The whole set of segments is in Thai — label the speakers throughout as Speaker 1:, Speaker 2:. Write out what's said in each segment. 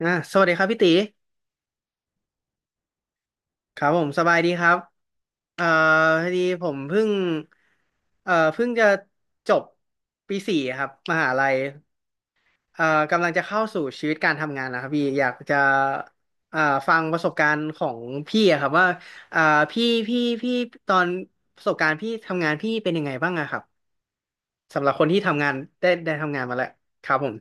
Speaker 1: อ่ะสวัสดีครับพี่ตีครับผมสบายดีครับเอ่อพอดีผมเพิ่งจะจบปีสี่ครับมหาลัยเอ่อกำลังจะเข้าสู่ชีวิตการทำงานนะครับพี่อยากจะเอ่อฟังประสบการณ์ของพี่อะครับว่าเอ่อพี่ตอนประสบการณ์พี่ทำงานพี่เป็นยังไงบ้างอะครับสำหรับคนที่ทำงานได้ทำงานมาแล้วครับผม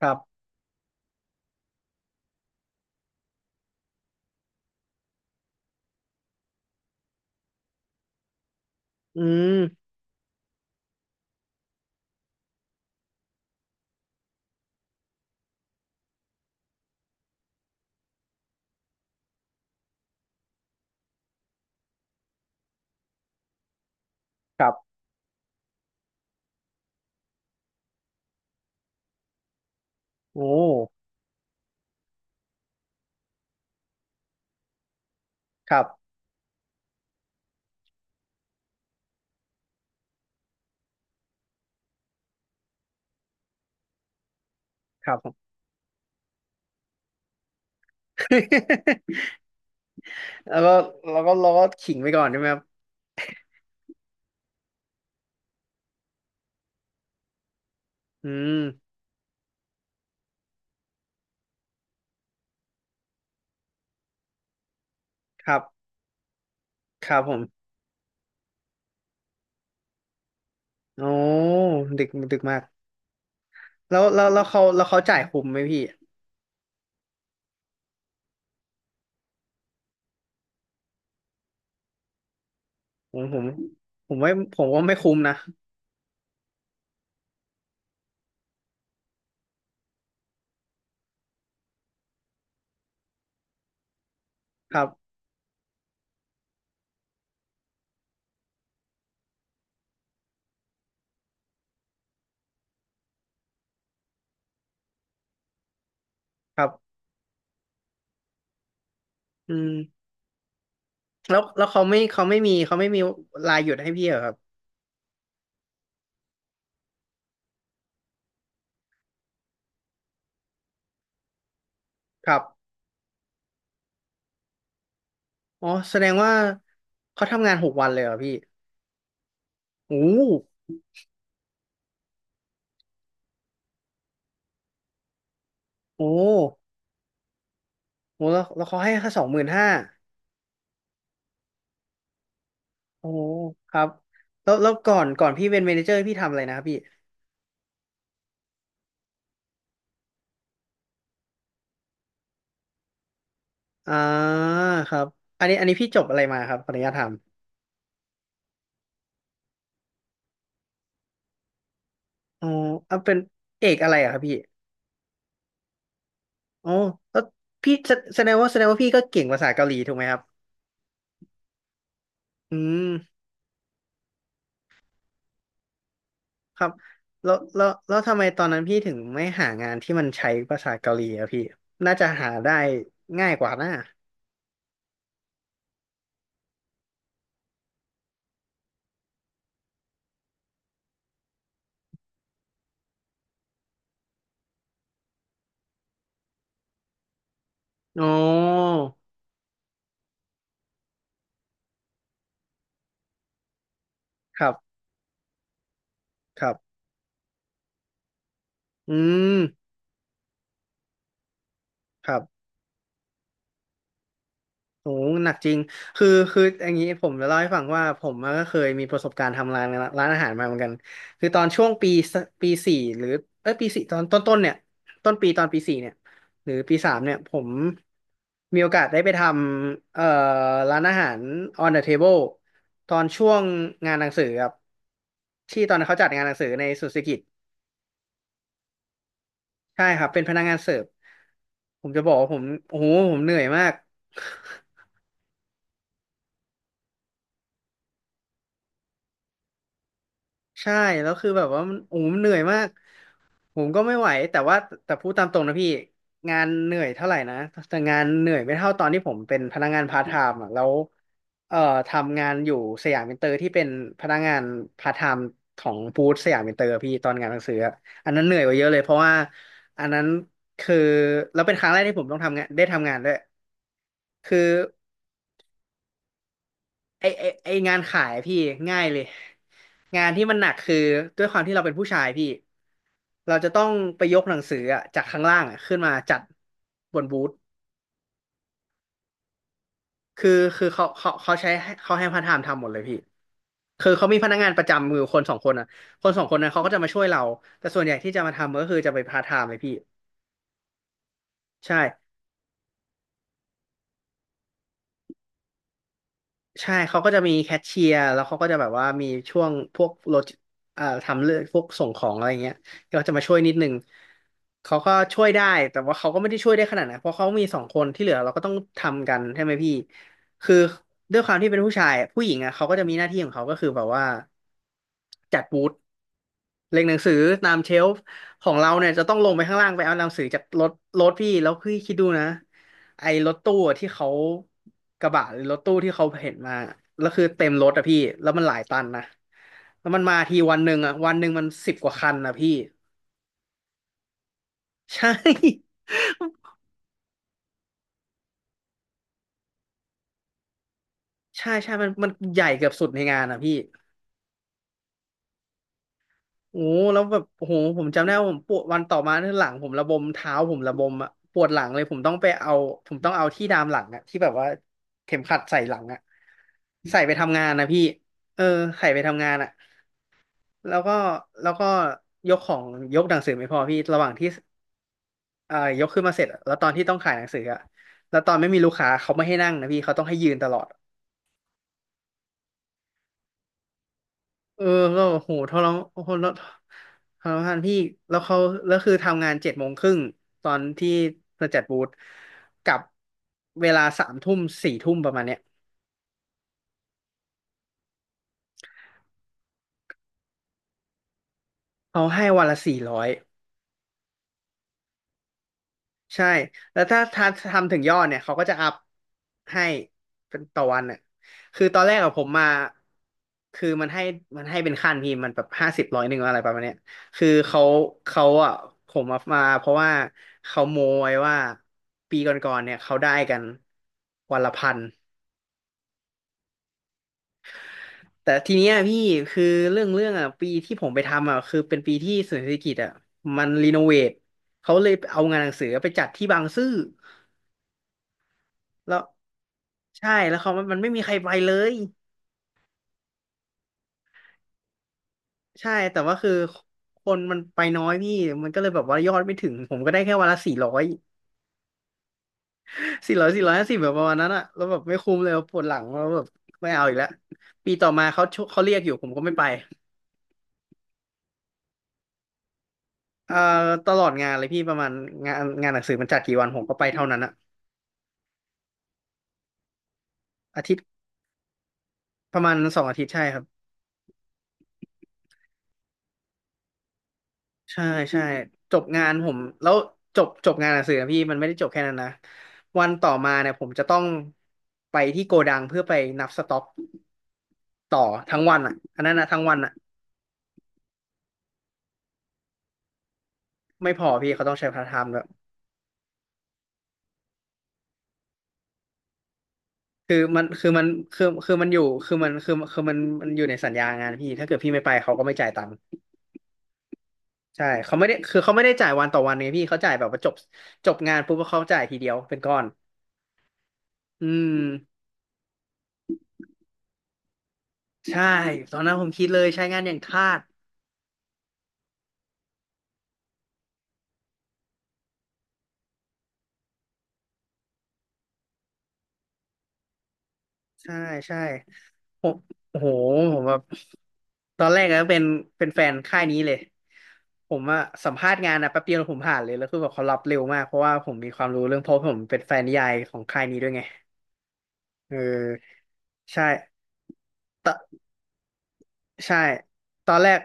Speaker 1: ครับอืมครับโอ้ครับครับผม แล้วก็เราก็ขิงไปก่อนใช่ไหมครับอืมครับครับผม โอ้ดึกดึกมากแล้วเขาจ่ายคุ้มไหมพี่ ผมผมผมว่าไม่คุ้มนะ ครับครับอืมแล้วแล้วเขาไม่เขาไม่มีเขาไม่มีลาหยุดให้พี่เหรอครับครับอ๋อแสดงว่าเขาทำงาน6 วันเลยเหรอพี่ โอ้โหโอ้โหแล้วเขาให้แค่25,000โอ้โหครับแล้วก่อนพี่เป็นเมเนเจอร์พี่ทำอะไรนะครับพี่ อ่าครับอันนี้พี่จบอะไรมาครับขออนุญาตถามอ๋อเอาเป็นเอกอะไรอะครับพี่อ๋อแล้วพี่แสดงว่าพี่ก็เก่งภาษาเกาหลีถูกไหมครับอืมครับแล้วทำไมตอนนั้นพี่ถึงไม่หางานที่มันใช้ภาษาเกาหลีอะพี่น่าจะหาได้ง่ายกว่านะอ๋อครับครับอืมครับ โอ้หนักจริง คืออย่างนี้ผมจะเล่าให้ฟังว่าผมอะก็เคยมีประสบการณ์ทำร้านอาหารมาเหมือนกัน คือตอนช่วงปีสปีสี่หรือเอ้ยปีสี่ตอนต้นเนี่ยต้นปีตอนปีสี่เนี่ยหรือปีสามเนี่ยผมมีโอกาสได้ไปทำร้านอาหาร on the table ตอนช่วงงานหนังสือครับที่ตอนนั้นเขาจัดงานหนังสือในสุสกิจใช่ครับเป็นพนักงานเสิร์ฟผมจะบอกว่าผมโอ้โหผมเหนื่อยมาก ใช่แล้วคือแบบว่ามันโอ้โหมันเหนื่อยมากผมก็ไม่ไหวแต่ว่าแต่พูดตามตรงนะพี่งานเหนื่อยเท่าไหร่นะแต่งานเหนื่อยไม่เท่าตอนที่ผมเป็นพนักงานพาร์ทไทม์อ่ะแล้วเอ่อทำงานอยู่สยามอินเตอร์ที่เป็นพนักงานพาร์ทไทม์ของบูธสยามอินเตอร์พี่ตอนงานหนังสืออะอันนั้นเหนื่อยกว่าเยอะเลยเพราะว่าอันนั้นคือแล้วเป็นครั้งแรกที่ผมต้องทำงานได้ทำงานด้วยคือ ไอไอไองานขายพี่ง่ายเลยงานที่มันหนักคือด้วยความที่เราเป็นผู้ชายพี่เราจะต้องไปยกหนังสืออะจากข้างล่างอะขึ้นมาจัดบนบูธคือคือเขาให้พาร์ทไทม์ทำหมดเลยพี่คือเขามีพนักงานประจำมือยู่คนสองคนอ่ะคนสองคนนั้นเขาก็จะมาช่วยเราแต่ส่วนใหญ่ที่จะมาทำก็คือจะไปพาร์ทไทม์เลยพี่ใช่ ใช่เขาก็จะมีแคชเชียร์แล้วเขาก็จะแบบว่ามีช่วงพวกรถทำเรื่องพวกส่งของอะไรเงี้ยก็จะมาช่วยนิดนึงเขาก็ช่วยได้แต่ว่าเขาก็ไม่ได้ช่วยได้ขนาดนั้นเพราะเขามีสองคนที่เหลือเราก็ต้องทำกันใช่ไหมพี่คือด้วยความที่เป็นผู้ชายผู้หญิงอ่ะเขาก็จะมีหน้าที่ของเขาก็คือแบบว่าจัดบูธเรียงหนังสือตามเชลฟ์ของเราเนี่ยจะต้องลงไปข้างล่างไปเอาหนังสือจากรถพี่แล้วพี่คิดดูนะ ไอ้รถตู้ที่เขากระบะหรือรถตู้ที่เขาเห็นมาแล้วคือเต็มรถอะพี่แล้วมันหลายตันนะแล้วมันมาทีวันหนึ่งอะวันหนึ่งมัน10 กว่าคันนะพี่ ใช่ใช่ใช่มันใหญ่เกือบสุดในงานอะพี่โอ้แล้วแบบโอ้โหผมจำได้ว่าผมปวดวันต่อมาที่หลังผมระบมเท้าผมระบมอะปวดหลังเลยผมต้องไปเอาผมต้องเอาที่ดามหลังอะที่แบบว่าเข็มขัดใส่หลังอะใส่ไปทำงานนะพี่เออใส่ไปทำงานอะ แล้วก็แล้วก็ยกของยกหนังสือไม่พอพี่ระหว่างที่ยกขึ้นมาเสร็จอะแล้วตอนที่ต้องขายหนังสืออะแล้วตอนไม่มีลูกค้าเขาไม่ให้นั่งนะพี่เขาต้องให้ยืนตลอดเออก็โหทรมานพี่แล้วเขาแล้วคือทำงาน7:30ตอนที่มาจัดบูธกับเวลาสามทุ่มสี่ทุ่มประมาณเนี้ยเขาให้วันละ400 ใช่ แล้วถ้าทำถึงยอดเนี่ยเขาก็จะอัพให้เป็นต่อวันน่ะคือตอนแรกอะผมมาคือมันให้เป็นขั้นพี่มันแบบห้าสิบร้อยหนึ่งอะไรประมาณเนี้ยคือเขาอะผมมาเพราะว่าเขาโมยว่าปีก่อนๆเนี่ยเขาได้กันวันละ 1,000แต่ทีเนี้ยพี่คือเรื่องอะปีที่ผมไปทำอะคือเป็นปีที่ศูนย์เศรษฐกิจอะมันรีโนเวทเขาเลยเอางานหนังสือไปจัดที่บางซื่อ แล้วใช่แล้วเขามันไม่มีใครไปเลยใช่แต่ว่าคือคนมันไปน้อยพี่มันก็เลยแบบว่ายอดไม่ถึงผมก็ได้แค่วันละ 400400 450แบบประมาณนั้นอะแล้วแบบไม่คุ้มเลยปวดหลังแล้วแบบไม่เอาอีกแล้วปีต่อมาเขาเขาเรียกอยู่ผมก็ไม่ไปเอ่อตลอดงานเลยพี่ประมาณงานหนังสือมันจัดกี่วันผมก็ไปเท่านั้นอะอาทิตย์ประมาณ2 อาทิตย์ใช่ครับ ใช่ใช่จบงานผมแล้วจบงานหนังสือนะพี่มันไม่ได้จบแค่นั้นนะวันต่อมาเนี่ยผมจะต้องไปที่โกดังเพื่อไปนับสต็อกต่อทั้งวันอ่ะอันนั้นนะทั้งวันอ่ะไม่พอพี่เขาต้องใช้พาร์ทไทม์ด้วยคือมันคือมันคือคือมันอยู่คือมันคือคือมันมันอยู่ในสัญญางานพี่ถ้าเกิดพี่ไม่ไปเขาก็ไม่จ่ายตังค์ใช่เขาไม่ได้จ่ายวันต่อวันไงพี่เขาจ่ายแบบว่าจบงานปุ๊บเขาจ่ายทีเดียวเป็นก้อนอืมใช่ตอนนั้นผมคิดเลยใช้งานอย่างทาส ใช่ใช่ผมโอ้โหผมแบบตอนแรกก็เป็นแฟนค่ายนี้เลยผมอะสัมภาษณ์งานอะแป๊บเดียวผมผ่านเลยแล้วคือแบบเขารับเร็วมากเพราะว่าผมมีความรู้เรื่องเพราะผมเป็นแฟนนิยายของค่ายนี้ด้วยไงเออใช่ตอนใช่ตอนแรก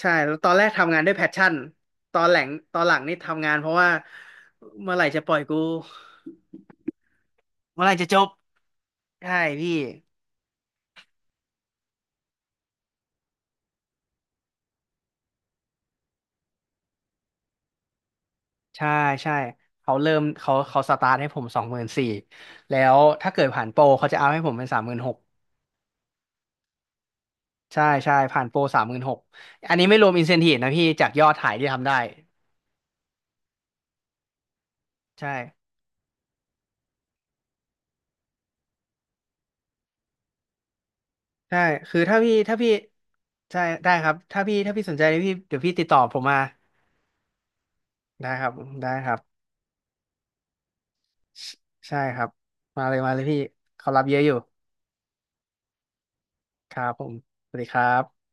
Speaker 1: ใช่แล้วตอนแรกทำงานด้วยแพชชั่นตอนหลังตอนหลังนี่ทำงานเพราะว่าเมื่อไหร่จะปล่อยกูเมื่อไหร่จะจบใช่พี่ ใช่ใช่เขาเริ่มเขาสตาร์ทให้ผม24,000แล้วถ้าเกิดผ่านโปรเขาจะเอาให้ผมเป็นสามหมื่นหกใช่ใช่ผ่านโปรสามหมื่นหกอันนี้ไม่รวมอินเซนทีฟนะพี่จากยอดขายที่ทำได้ใช่ใช่คือถ้าพี่ใช่ได้ครับถ้าพี่สนใจเดี๋ยวพี่ติดต่อผมมาได้ครับได้ครับใช่ใช่ครับมาเลยพี่เขารับเยอะอยู่ครับผมสวัสดีครับ